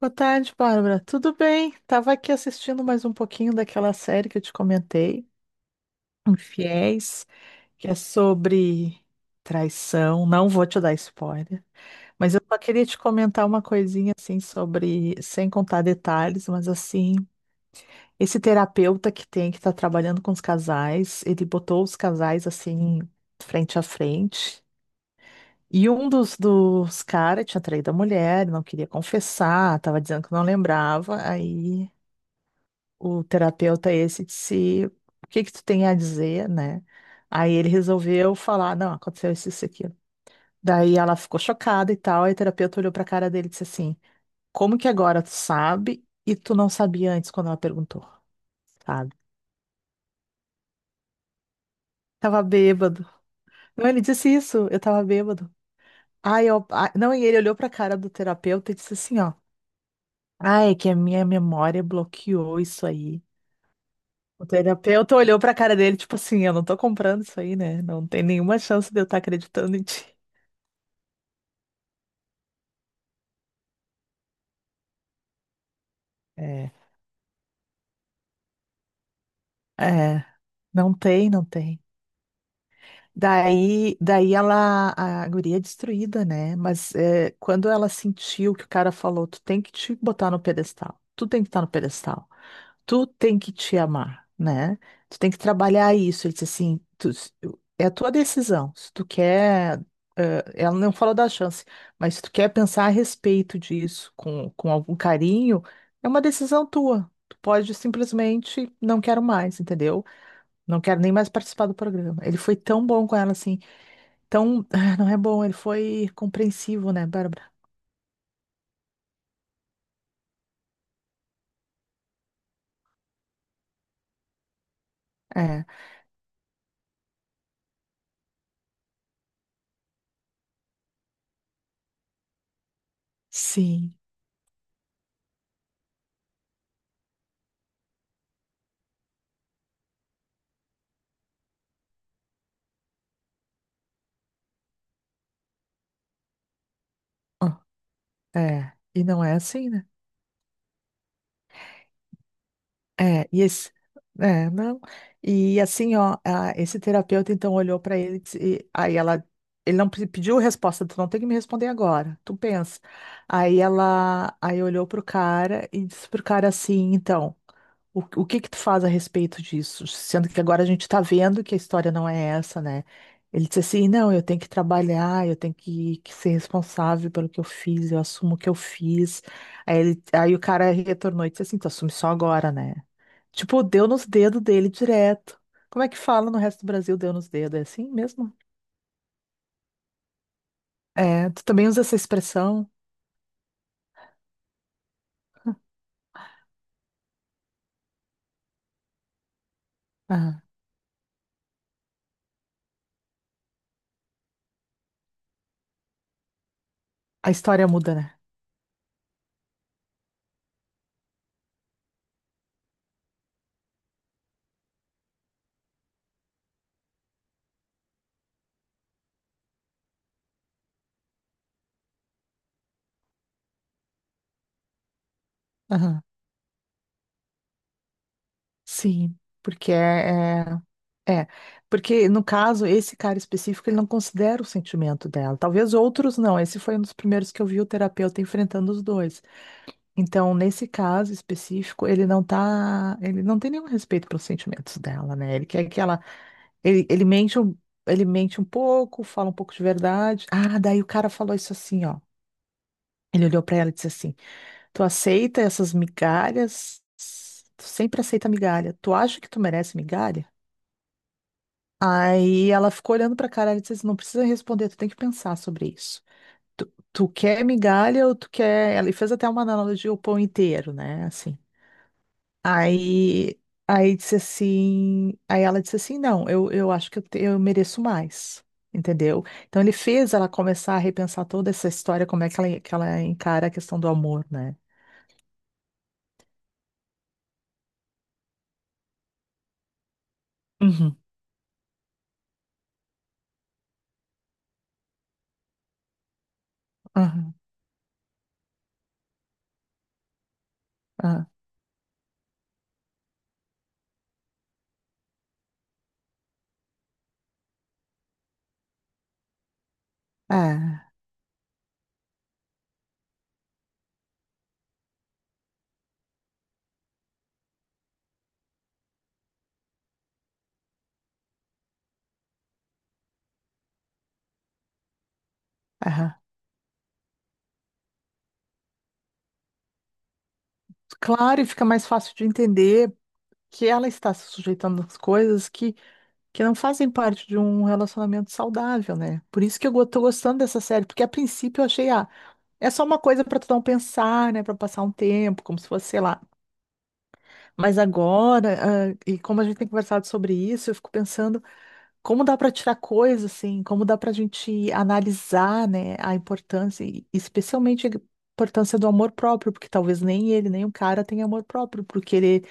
Boa tarde, Bárbara. Tudo bem? Tava aqui assistindo mais um pouquinho daquela série que eu te comentei, Infiéis, que é sobre traição. Não vou te dar spoiler, mas eu só queria te comentar uma coisinha assim sobre, sem contar detalhes, mas assim, esse terapeuta que tem que tá trabalhando com os casais, ele botou os casais assim frente a frente. E um dos caras tinha traído a mulher, não queria confessar, tava dizendo que não lembrava, aí o terapeuta esse disse, o que que tu tem a dizer, né? Aí ele resolveu falar, não, aconteceu isso, isso, e aquilo. Daí ela ficou chocada e tal, aí o terapeuta olhou pra cara dele e disse assim, como que agora tu sabe e tu não sabia antes quando ela perguntou, sabe? Tava bêbado. Não, ele disse isso, eu tava bêbado. Aí eu, ah, não, e ele olhou pra cara do terapeuta e disse assim, ó, ah, é que a minha memória bloqueou isso aí. O terapeuta olhou pra cara dele, tipo assim, eu não tô comprando isso aí, né? Não tem nenhuma chance de eu estar acreditando em ti. É, é, não tem, não tem. Daí ela, a guria é destruída, né? Mas é, quando ela sentiu que o cara falou, tu tem que te botar no pedestal, tu tem que estar no pedestal, tu tem que te amar, né? Tu tem que trabalhar isso. Ele disse assim, tu- é a tua decisão. Se tu quer, ela não falou da chance, mas se tu quer pensar a respeito disso com algum carinho, é uma decisão tua. Tu pode simplesmente não quero mais, entendeu? Não quero nem mais participar do programa. Ele foi tão bom com ela, assim. Tão. Ah, não é bom, ele foi compreensivo, né, Bárbara? É. Sim. Ó, é. E não é assim, né? É, e esse, é, não. E assim, ó, a- esse terapeuta então olhou para ele e, disse- e- aí ela, ele não pe- pediu resposta, tu não tem que me responder agora, tu pensa. Aí ela, aí olhou pro cara e disse pro cara assim, então, o que que tu faz a respeito disso? Sendo que agora a gente tá vendo que a história não é essa, né? Ele disse assim, não, eu tenho que trabalhar, eu tenho que ser responsável pelo que eu fiz, eu assumo o que eu fiz. Aí, ele, aí o cara retornou e disse assim, tu assume só agora, né? Tipo, deu nos dedos dele direto. Como é que fala no resto do Brasil, deu nos dedos? É assim mesmo? É, tu também usa essa expressão? Ah, a história muda, né? Aham. Sim, porque é, é, é. Porque no caso, esse cara específico, ele não considera o sentimento dela. Talvez outros não. Esse foi um dos primeiros que eu vi o terapeuta enfrentando os dois. Então, nesse caso específico, ele não tá, ele não tem nenhum respeito pelos sentimentos dela, né? Ele quer que ela ele, ele mente um pouco, fala um pouco de verdade. Ah, daí o cara falou isso assim, ó. Ele olhou pra ela e disse assim: tu aceita essas migalhas? Tu sempre aceita migalha. Tu acha que tu merece migalha? Aí ela ficou olhando pra cara e disse assim: não precisa responder, tu tem que pensar sobre isso. Tu, tu quer migalha ou tu quer. Ele fez até uma analogia ao pão inteiro, né? Assim. Aí, aí disse assim, aí ela disse assim, não, eu acho que eu, te- eu mereço mais, entendeu? Então ele fez ela começar a repensar toda essa história, como é que ela encara a questão do amor, né? Uhum, aham, aham, é, aham. Claro, e fica mais fácil de entender que ela está se sujeitando às coisas que não fazem parte de um relacionamento saudável, né? Por isso que eu go- tô gostando dessa série, porque a princípio eu achei, ah, é só uma coisa para tu não pensar, né? Para passar um tempo, como se fosse, sei lá. Mas agora, ah, e como a gente tem conversado sobre isso, eu fico pensando como dá para tirar coisa, assim, como dá para a gente analisar, né, a importância, e especialmente a importância do amor próprio, porque talvez nem ele, nem o cara tenha amor próprio, porque ele,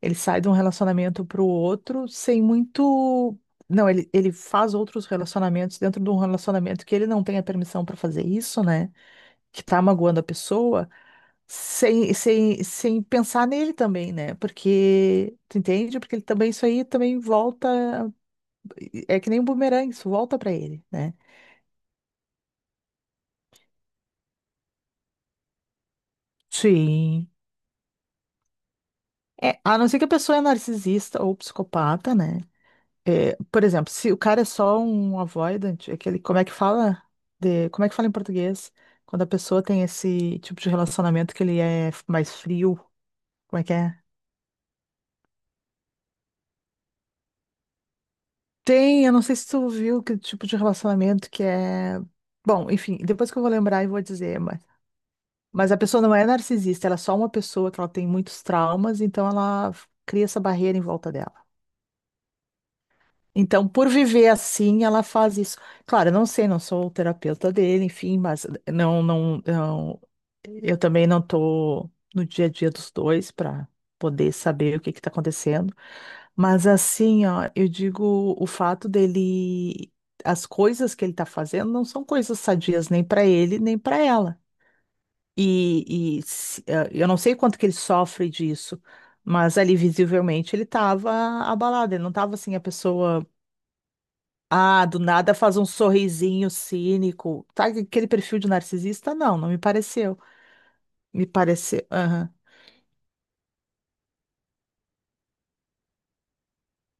ele sai de um relacionamento para o outro sem muito. Não, ele faz outros relacionamentos dentro de um relacionamento que ele não tem a permissão para fazer isso, né? Que tá magoando a pessoa sem pensar nele também, né? Porque, tu entende? Porque ele também, isso aí também volta, é que nem um bumerangue, isso volta pra ele, né? Sim. É, a não ser que a pessoa é narcisista ou psicopata, né? É, por exemplo, se o cara é só um avoidant, aquele, como é que fala de, como é que fala em português? Quando a pessoa tem esse tipo de relacionamento que ele é mais frio, como é que é? Tem, eu não sei se tu viu que tipo de relacionamento que é. Bom, enfim, depois que eu vou lembrar e vou dizer, mas a pessoa não é narcisista, ela é só uma pessoa que ela tem muitos traumas, então ela f- cria essa barreira em volta dela. Então, por viver assim, ela faz isso. Claro, eu não sei, não sou o terapeuta dele, enfim, mas não, eu também não estou no dia a dia dos dois para poder saber o que está acontecendo. Mas assim, ó, eu digo, o fato dele, as coisas que ele está fazendo não são coisas sadias nem para ele, nem para ela. E se- eh, eu não sei quanto que ele sofre disso, mas ali visivelmente ele estava abalado, ele não estava assim a pessoa ah, do nada faz um sorrisinho cínico. Tá, aquele perfil de narcisista? Não, não me pareceu. Me pareceu. Aham.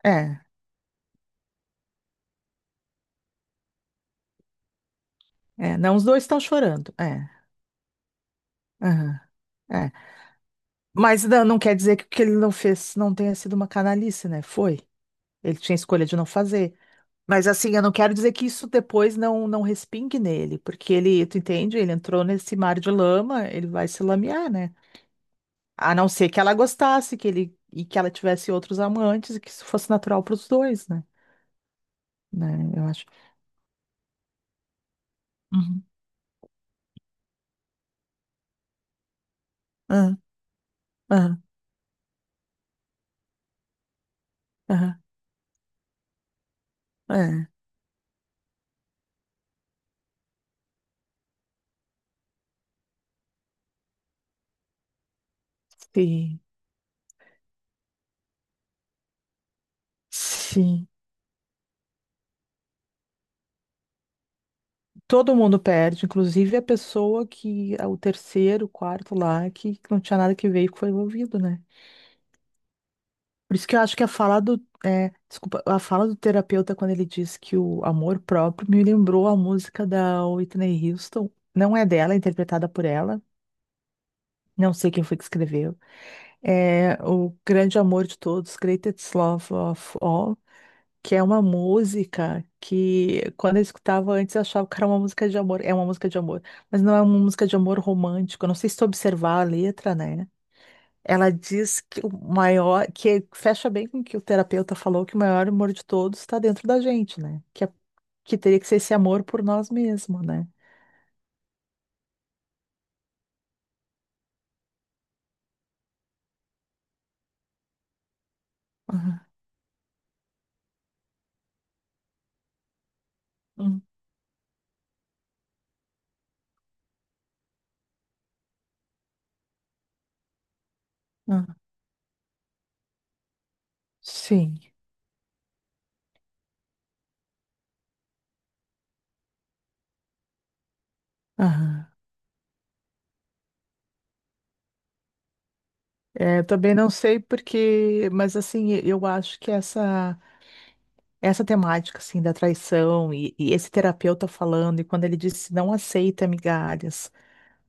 É, é. Não, os dois estão chorando. É, aham, é. Mas não, não quer dizer que o que ele não fez não tenha sido uma canalice, né? Foi. Ele tinha escolha de não fazer. Mas assim, eu não quero dizer que isso depois não, não respingue nele, porque ele, tu entende? Ele entrou nesse mar de lama, ele vai se lamear, né? A não ser que ela gostasse, que ele e que ela tivesse outros amantes e que isso fosse natural para os dois, né? Né? Eu acho. Uhum. Ah, ah, ah, é. Sim, sim. Todo mundo perde, inclusive a pessoa que, o terceiro, o quarto lá, que não tinha nada que ver e que foi envolvido, né? Por isso que eu acho que a fala do, é, desculpa, a fala do terapeuta quando ele diz que o amor próprio me lembrou a música da Whitney Houston. Não é dela, é interpretada por ela. Não sei quem foi que escreveu. É o grande amor de todos, Greatest Love of All. Que é uma música que quando eu escutava antes eu achava que era uma música de amor, é uma música de amor, mas não é uma música de amor romântico. Eu não sei se tu observar a letra, né? Ela diz que o maior, que fecha bem com o que o terapeuta falou, que o maior amor de todos está dentro da gente, né? Que, é- que teria que ser esse amor por nós mesmos, né? Aham, hum, aham. Sim. Aham. É, eu também não sei porque, mas assim, eu acho que essa essa temática assim da traição e esse terapeuta falando e quando ele disse não aceita migalhas,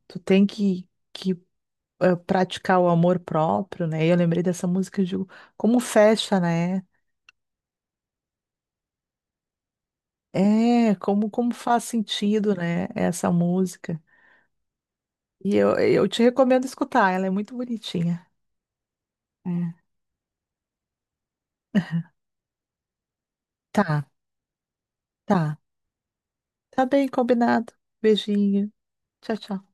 tu tem que praticar o amor próprio, né? E eu lembrei dessa música e digo, como fecha, né? É, como como faz sentido, né, essa música. E eu te recomendo escutar, ela é muito bonitinha. É. Tá, tá. Tá bem combinado. Beijinho. Tchau, tchau.